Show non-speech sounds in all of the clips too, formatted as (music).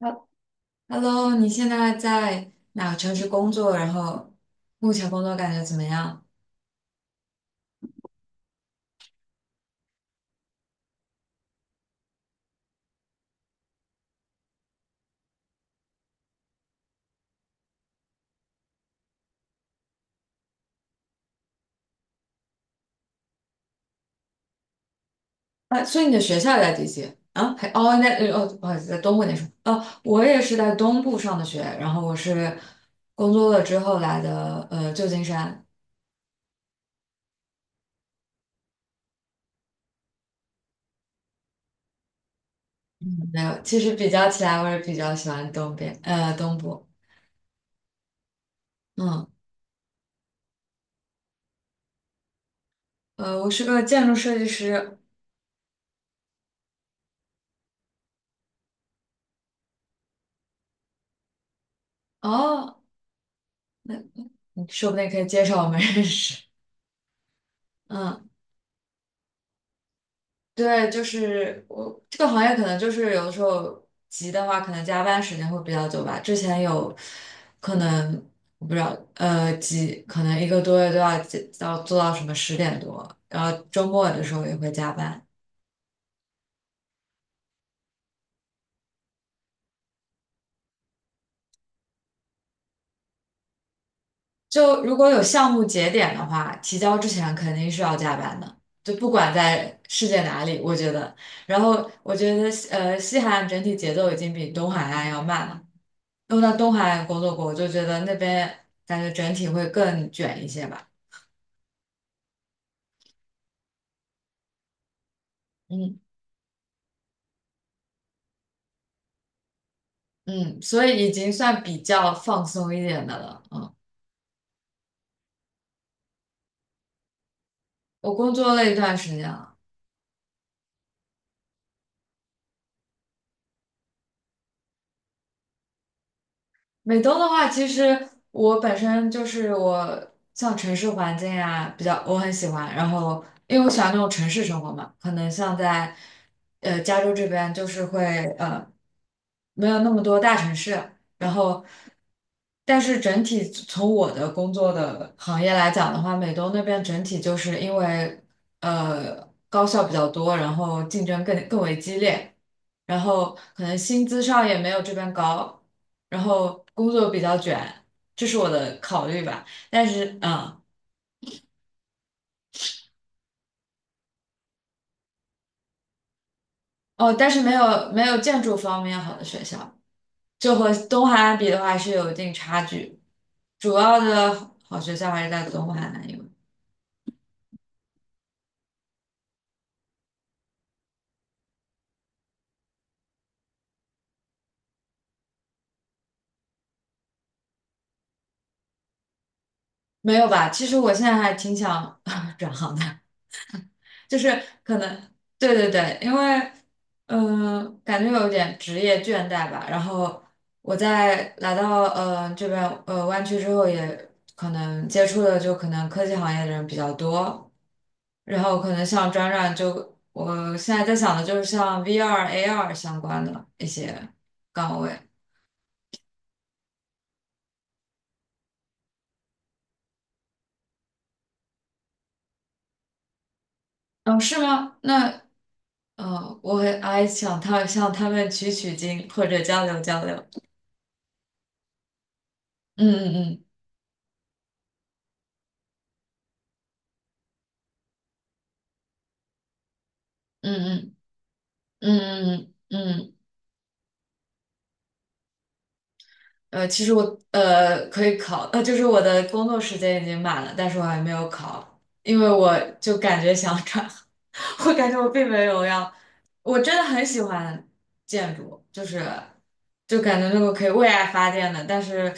哈 Hello,你现在在哪个城市工作？然后目前工作感觉怎么样？啊，所以你的学校也在 DC 啊？还哦，那不好意思，在东部那时候哦，我也是在东部上的学，然后我是工作了之后来的旧金山。没有，其实比较起来，我也比较喜欢东部。嗯。我是个建筑设计师。哦，你说不定可以介绍我们认识。嗯。对，就是我这个行业可能就是有的时候急的话，可能加班时间会比较久吧。之前有可能我不知道，可能一个多月都要到做到什么十点多，然后周末的时候也会加班。就如果有项目节点的话，提交之前肯定是要加班的，就不管在世界哪里，我觉得。然后我觉得西海岸整体节奏已经比东海岸要慢了。都在东海岸工作过，我就觉得那边感觉整体会更卷一些吧。嗯。嗯，所以已经算比较放松一点的了。嗯，我工作了一段时间了。美东的话，其实我本身就是我像城市环境啊，比较我很喜欢。然后因为我喜欢那种城市生活嘛，可能像在加州这边就是会呃没有那么多大城市，然后，但是整体从我的工作的行业来讲的话，美东那边整体就是因为高校比较多，然后竞争更为激烈，然后可能薪资上也没有这边高，然后工作比较卷，这是我的考虑吧。但是嗯，哦，但是没有建筑方面好的学校。就和东海岸比的话是有一定差距，主要的好学校还是在东海岸，因为没有吧？其实我现在还挺想 (laughs) 转行的，就是可能，对对对，因为，嗯，感觉有点职业倦怠吧。然后我在来到这边湾区之后，也可能接触的就可能科技行业的人比较多。然后可能像转转就，我现在在想的就是像 VR、AR 相关的一些岗位。哦，是吗？那我还想向他们取经或者交流。嗯嗯。嗯嗯嗯。嗯嗯。其实我可以考，就是我的工作时间已经满了，但是我还没有考，因为我就感觉想转，(laughs) 我感觉我并没有要，我真的很喜欢建筑，就是就感觉那个可以为爱发电的，但是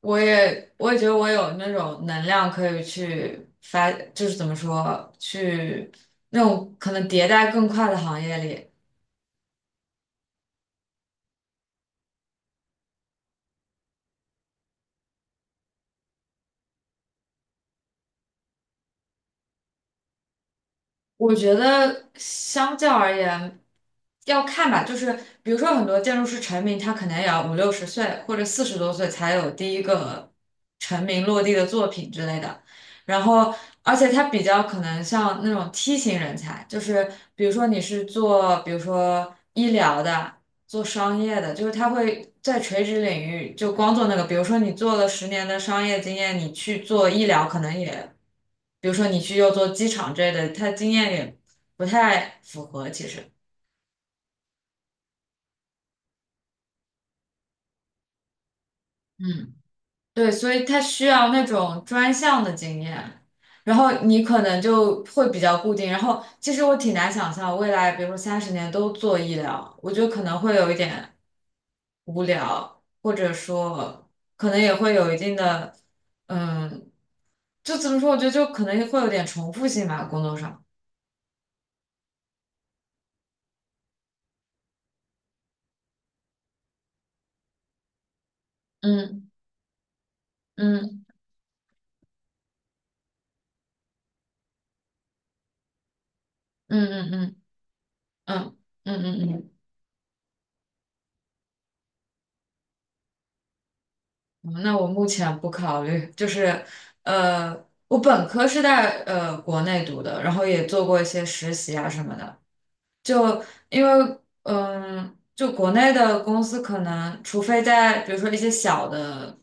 我也觉得我有那种能量可以去发，就是怎么说去那种可能迭代更快的行业里。我觉得相较而言，要看吧，就是比如说很多建筑师成名，他可能也要五六十岁或者四十多岁才有第一个成名落地的作品之类的。然后，而且他比较可能像那种梯形人才，就是比如说你是做，比如说医疗的。做商业的，就是他会在垂直领域就光做那个，比如说你做了十年的商业经验，你去做医疗可能也，比如说你去又做机场之类的，他经验也不太符合，其实。嗯。对，所以他需要那种专项的经验，然后你可能就会比较固定。然后其实我挺难想象未来，比如说三十年都做医疗，我觉得可能会有一点无聊，或者说可能也会有一定的，嗯，就怎么说？我觉得就可能会有点重复性吧，工作上。嗯嗯嗯。嗯嗯嗯。嗯嗯。嗯嗯。嗯那我目前不考虑，就是，呃，我本科是在国内读的，然后也做过一些实习啊什么的，就因为嗯，就国内的公司可能，除非在比如说一些小的，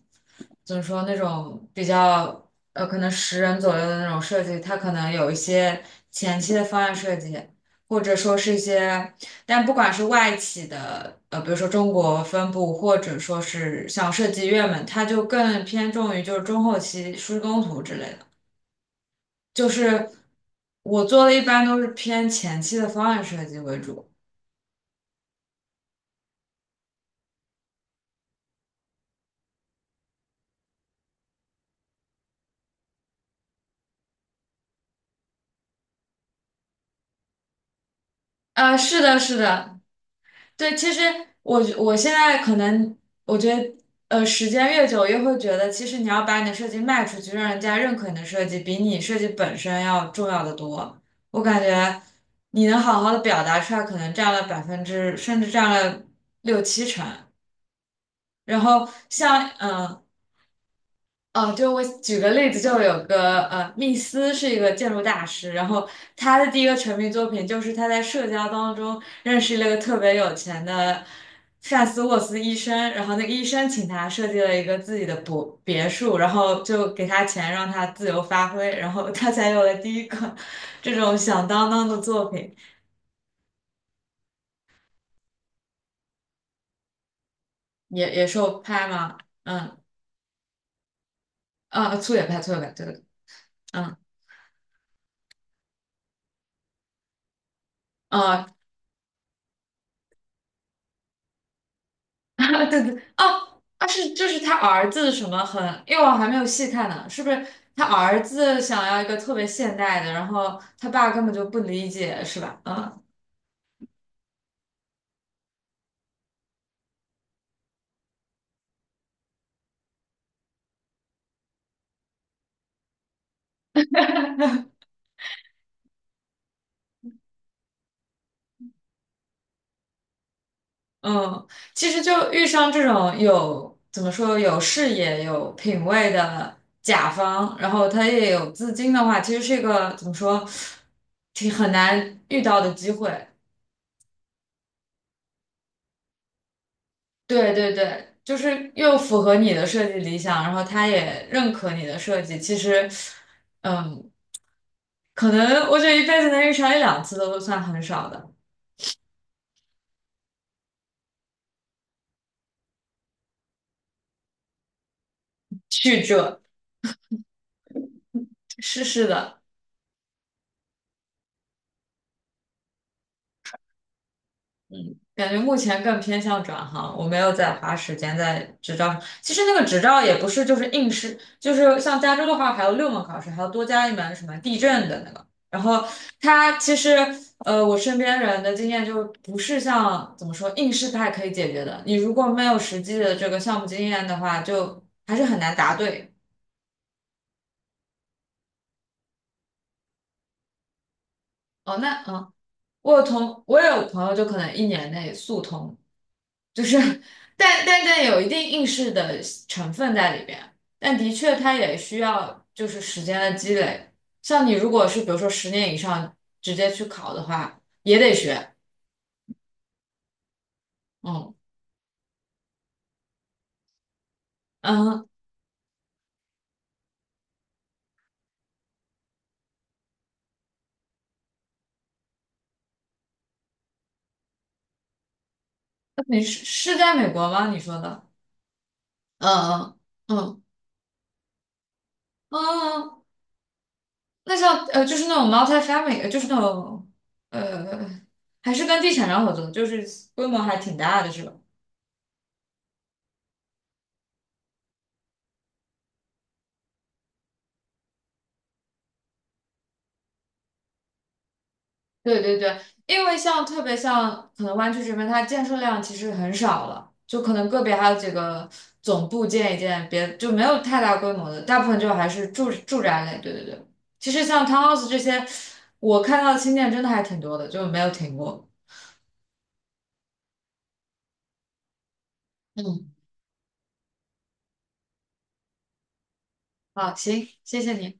怎么说那种比较可能十人左右的那种设计，它可能有一些前期的方案设计，或者说是一些，但不管是外企的，比如说中国分部，或者说是像设计院们，它就更偏重于就是中后期施工图之类的，就是。我做的一般都是偏前期的方案设计为主，是的，是的，对，其实我现在可能我觉得，时间越久，越会觉得，其实你要把你的设计卖出去，让人家认可你的设计，比你设计本身要重要的多。我感觉你能好好的表达出来，可能占了百分之，甚至占了六七成。然后像就我举个例子，就有个密斯是一个建筑大师，然后他的第一个成名作品就是他在社交当中认识了一个特别有钱的范斯沃斯医生，然后那个医生请他设计了一个自己的别墅，然后就给他钱让他自由发挥，然后他才有了第一个这种响当当的作品，也受拍嘛，嗯，啊，粗也拍，粗也拍，对的，嗯。啊。啊，对对，哦，啊是，就是他儿子什么很，因为我还没有细看呢，是不是他儿子想要一个特别现代的，然后他爸根本就不理解，是吧？嗯。嗯，其实就遇上这种有怎么说有视野、有品味的甲方，然后他也有资金的话，其实是一个怎么说挺很难遇到的机会。对对对，就是又符合你的设计理想，然后他也认可你的设计。其实，嗯，可能我觉得一辈子能遇上一两次都算很少的。去这，是是的。感觉目前更偏向转行，我没有在花时间在执照上。其实那个执照也不是就是应试，就是像加州的话还有六门考试，还要多加一门什么地震的那个。然后它其实我身边人的经验就是不是像怎么说应试派可以解决的。你如果没有实际的这个项目经验的话，就还是很难答对。哦，那嗯，我也有朋友就可能一年内速通。就是 (laughs) 但有一定应试的成分在里边，但的确它也需要就是时间的积累。像你如果是比如说十年以上直接去考的话，也得学。嗯。嗯，你是在美国吗？你说的？嗯嗯。嗯嗯，那像就是那种 multi-family,就是那种呃还是跟地产商合作，就是规模还挺大的是吧？对对对，因为像特别像可能湾区这边，它建设量其实很少了，就可能个别还有几个总部建一建，别就没有太大规模的，大部分就还是住宅类。对对对，其实像 townhouse 这些，我看到的新店真的还挺多的，就没有停过。嗯，好，行，谢谢你。